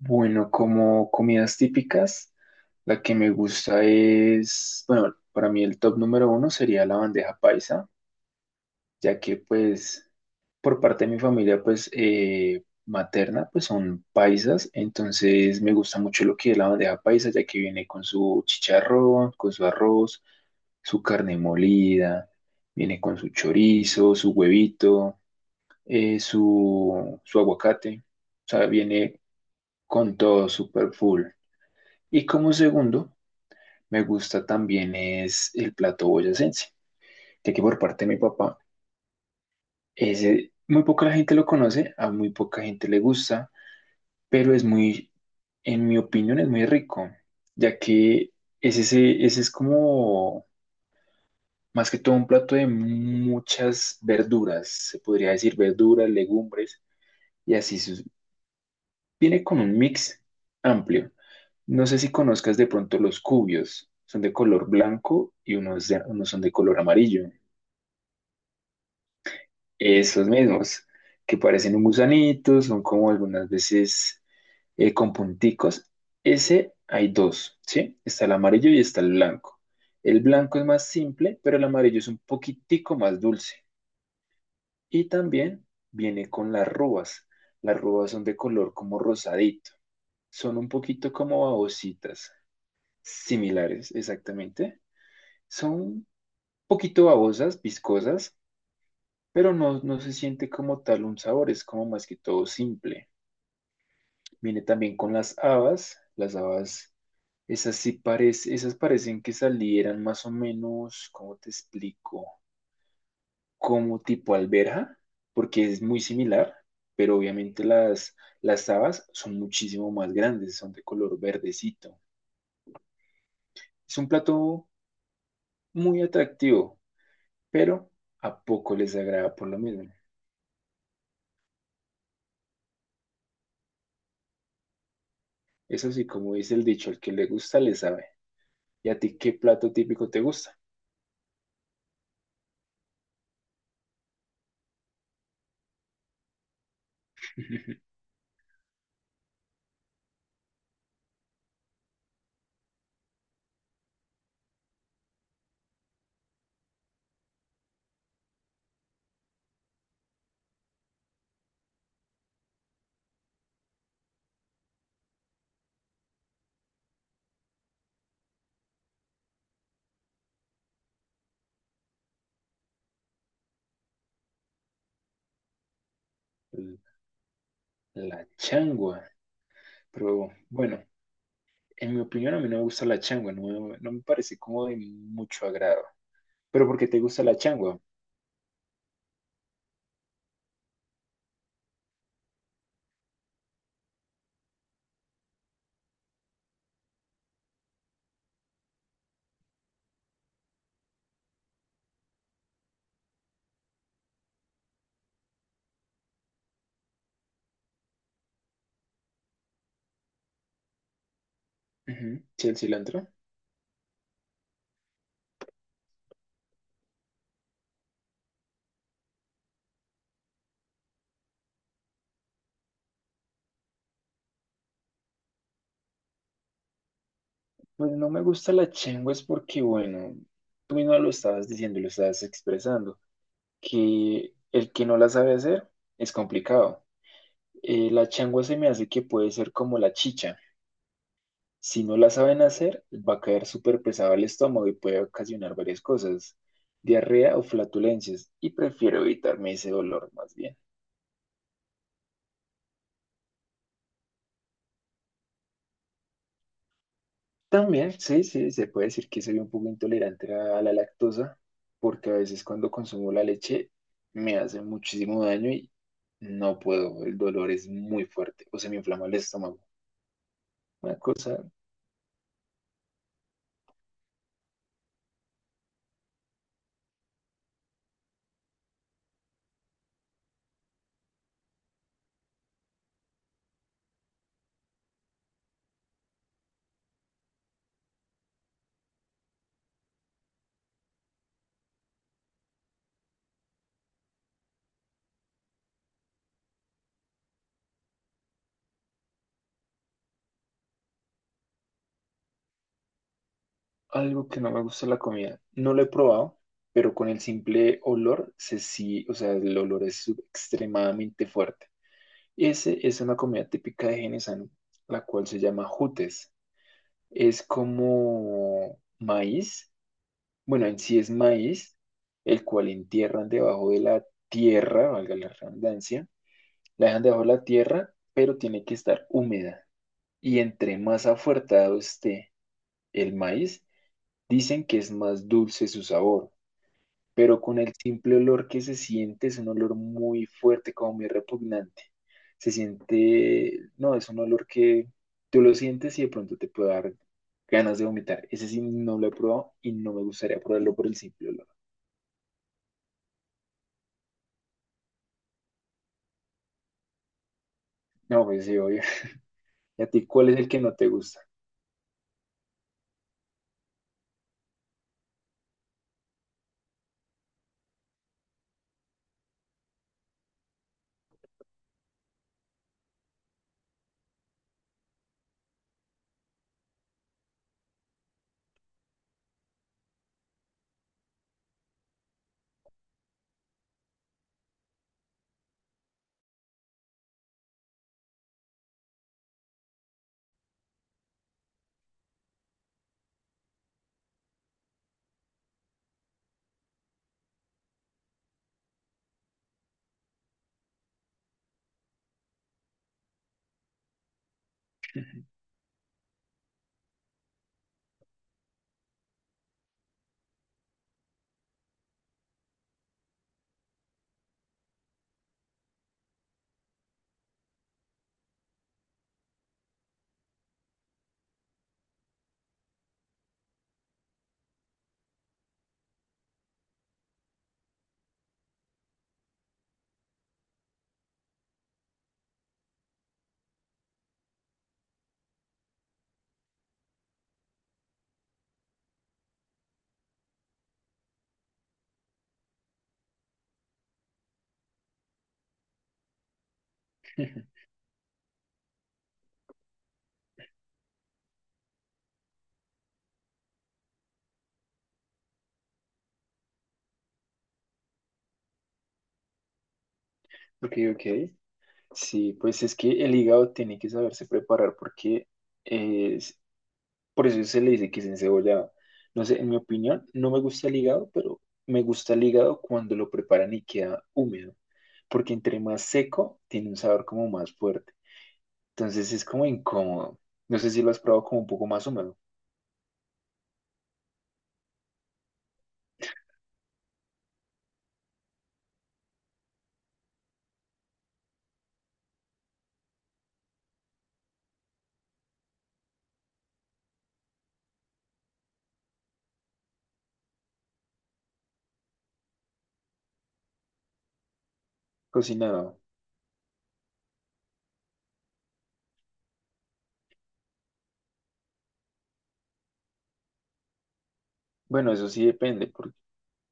Bueno, como comidas típicas, la que me gusta es, bueno, para mí el top número uno sería la bandeja paisa, ya que pues por parte de mi familia pues materna pues son paisas, entonces me gusta mucho lo que es la bandeja paisa, ya que viene con su chicharrón, con su arroz, su carne molida, viene con su chorizo, su huevito, su aguacate, o sea, viene con todo super full. Y como segundo, me gusta también es el plato boyacense, ya que por parte de mi papá, ese muy poca la gente lo conoce, a muy poca gente le gusta, pero es muy, en mi opinión, es muy rico, ya que es ese, ese es como más que todo un plato de muchas verduras, se podría decir verduras, legumbres, y así viene con un mix amplio. No sé si conozcas de pronto los cubios. Son de color blanco y unos, unos son de color amarillo. Esos mismos, que parecen un gusanito, son como algunas veces con punticos. Ese hay dos, ¿sí? Está el amarillo y está el blanco. El blanco es más simple, pero el amarillo es un poquitico más dulce. Y también viene con las rubas. Las rubas son de color como rosadito. Son un poquito como babositas, similares, exactamente. Son poquito babosas, viscosas, pero no, no se siente como tal un sabor, es como más que todo simple. Viene también con las habas, esas sí parecen, esas parecen que salieran más o menos, ¿cómo te explico? Como tipo alberja, porque es muy similar, pero obviamente las habas son muchísimo más grandes, son de color verdecito. Es un plato muy atractivo, pero a poco les agrada por lo mismo. Es así como dice el dicho, el que le gusta le sabe. ¿Y a ti qué plato típico te gusta? La changua. Pero bueno, en mi opinión a mí no me gusta la changua, no, no me parece como de mucho agrado. ¿Pero por qué te gusta la changua? Ujú. ¿Sí, el cilantro? Pues no me gusta la changua es porque, bueno, tú mismo lo estabas diciendo, lo estabas expresando, que el que no la sabe hacer es complicado. La changua se me hace que puede ser como la chicha. Si no la saben hacer, va a caer súper pesado al estómago y puede ocasionar varias cosas, diarrea o flatulencias, y prefiero evitarme ese dolor más bien. También, sí, sí, se puede decir que soy un poco intolerante a la lactosa, porque a veces cuando consumo la leche me hace muchísimo daño y no puedo, el dolor es muy fuerte o se me inflama el estómago. Una cosa. Algo que no me gusta de la comida. No lo he probado, pero con el simple olor, se sí, o sea, el olor es extremadamente fuerte. Ese es una comida típica de Genesano, la cual se llama jutes. Es como maíz, bueno, en sí es maíz, el cual entierran debajo de la tierra, valga la redundancia, la dejan debajo de la tierra, pero tiene que estar húmeda. Y entre más afuertado esté el maíz, dicen que es más dulce su sabor. Pero con el simple olor que se siente, es un olor muy fuerte, como muy repugnante. Se siente, no, es un olor que tú lo sientes y de pronto te puede dar ganas de vomitar. Ese sí no lo he probado y no me gustaría probarlo por el simple olor. No, pues sí, obvio. ¿Y a ti cuál es el que no te gusta? Ok, ok. Sí, pues es que el hígado tiene que saberse preparar porque eh, por eso se le dice que es encebollado. No sé, en mi opinión, no me gusta el hígado, pero me gusta el hígado cuando lo preparan y queda húmedo, porque entre más seco, tiene un sabor como más fuerte. Entonces es como incómodo. No sé si lo has probado como un poco más húmedo, cocinado. Bueno, eso sí depende, porque,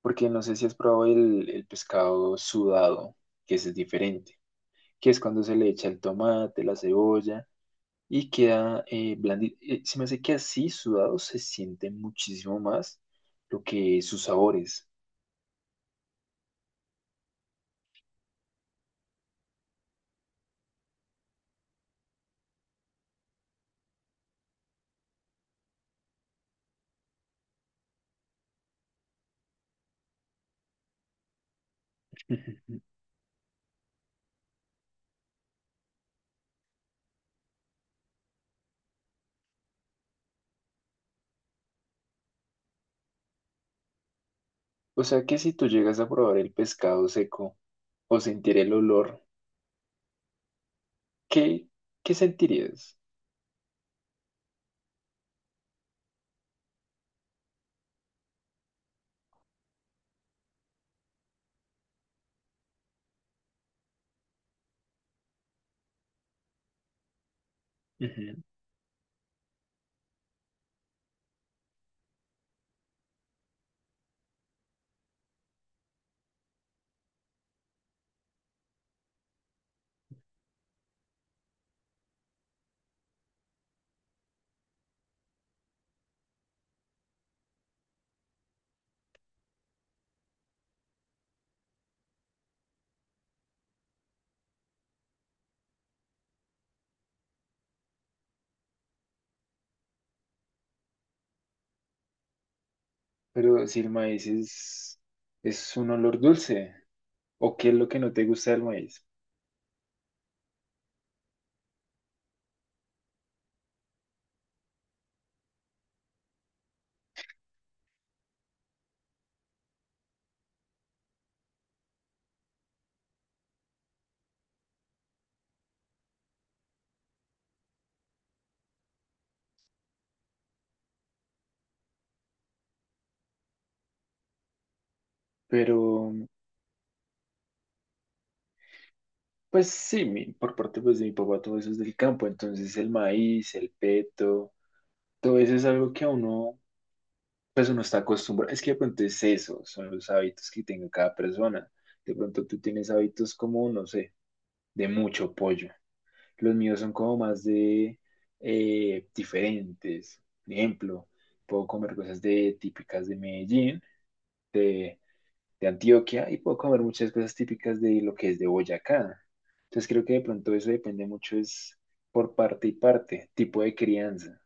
porque no sé si has probado el pescado sudado, que ese es diferente, que es cuando se le echa el tomate, la cebolla. Y queda blandito. Se me hace que así sudado se siente muchísimo más lo que sus sabores. O sea que si tú llegas a probar el pescado seco o sentir el olor, ¿qué, ¿qué sentirías? Ujú. Pero si el maíz es un olor dulce, ¿o qué es lo que no te gusta del maíz? Pero, pues sí, mi- por parte pues, de mi papá todo eso es del campo, entonces el maíz, el peto, todo eso es algo que a uno pues uno está acostumbrado, es que de pronto es eso, son los hábitos que tenga cada persona. De pronto tú tienes hábitos como, no sé, de mucho pollo. Los míos son como más de diferentes. Por ejemplo, puedo comer cosas de típicas de Medellín, de, de Antioquia, y puedo comer muchas cosas típicas de lo que es de Boyacá. Entonces creo que de pronto eso depende mucho, es por parte y parte, tipo de crianza.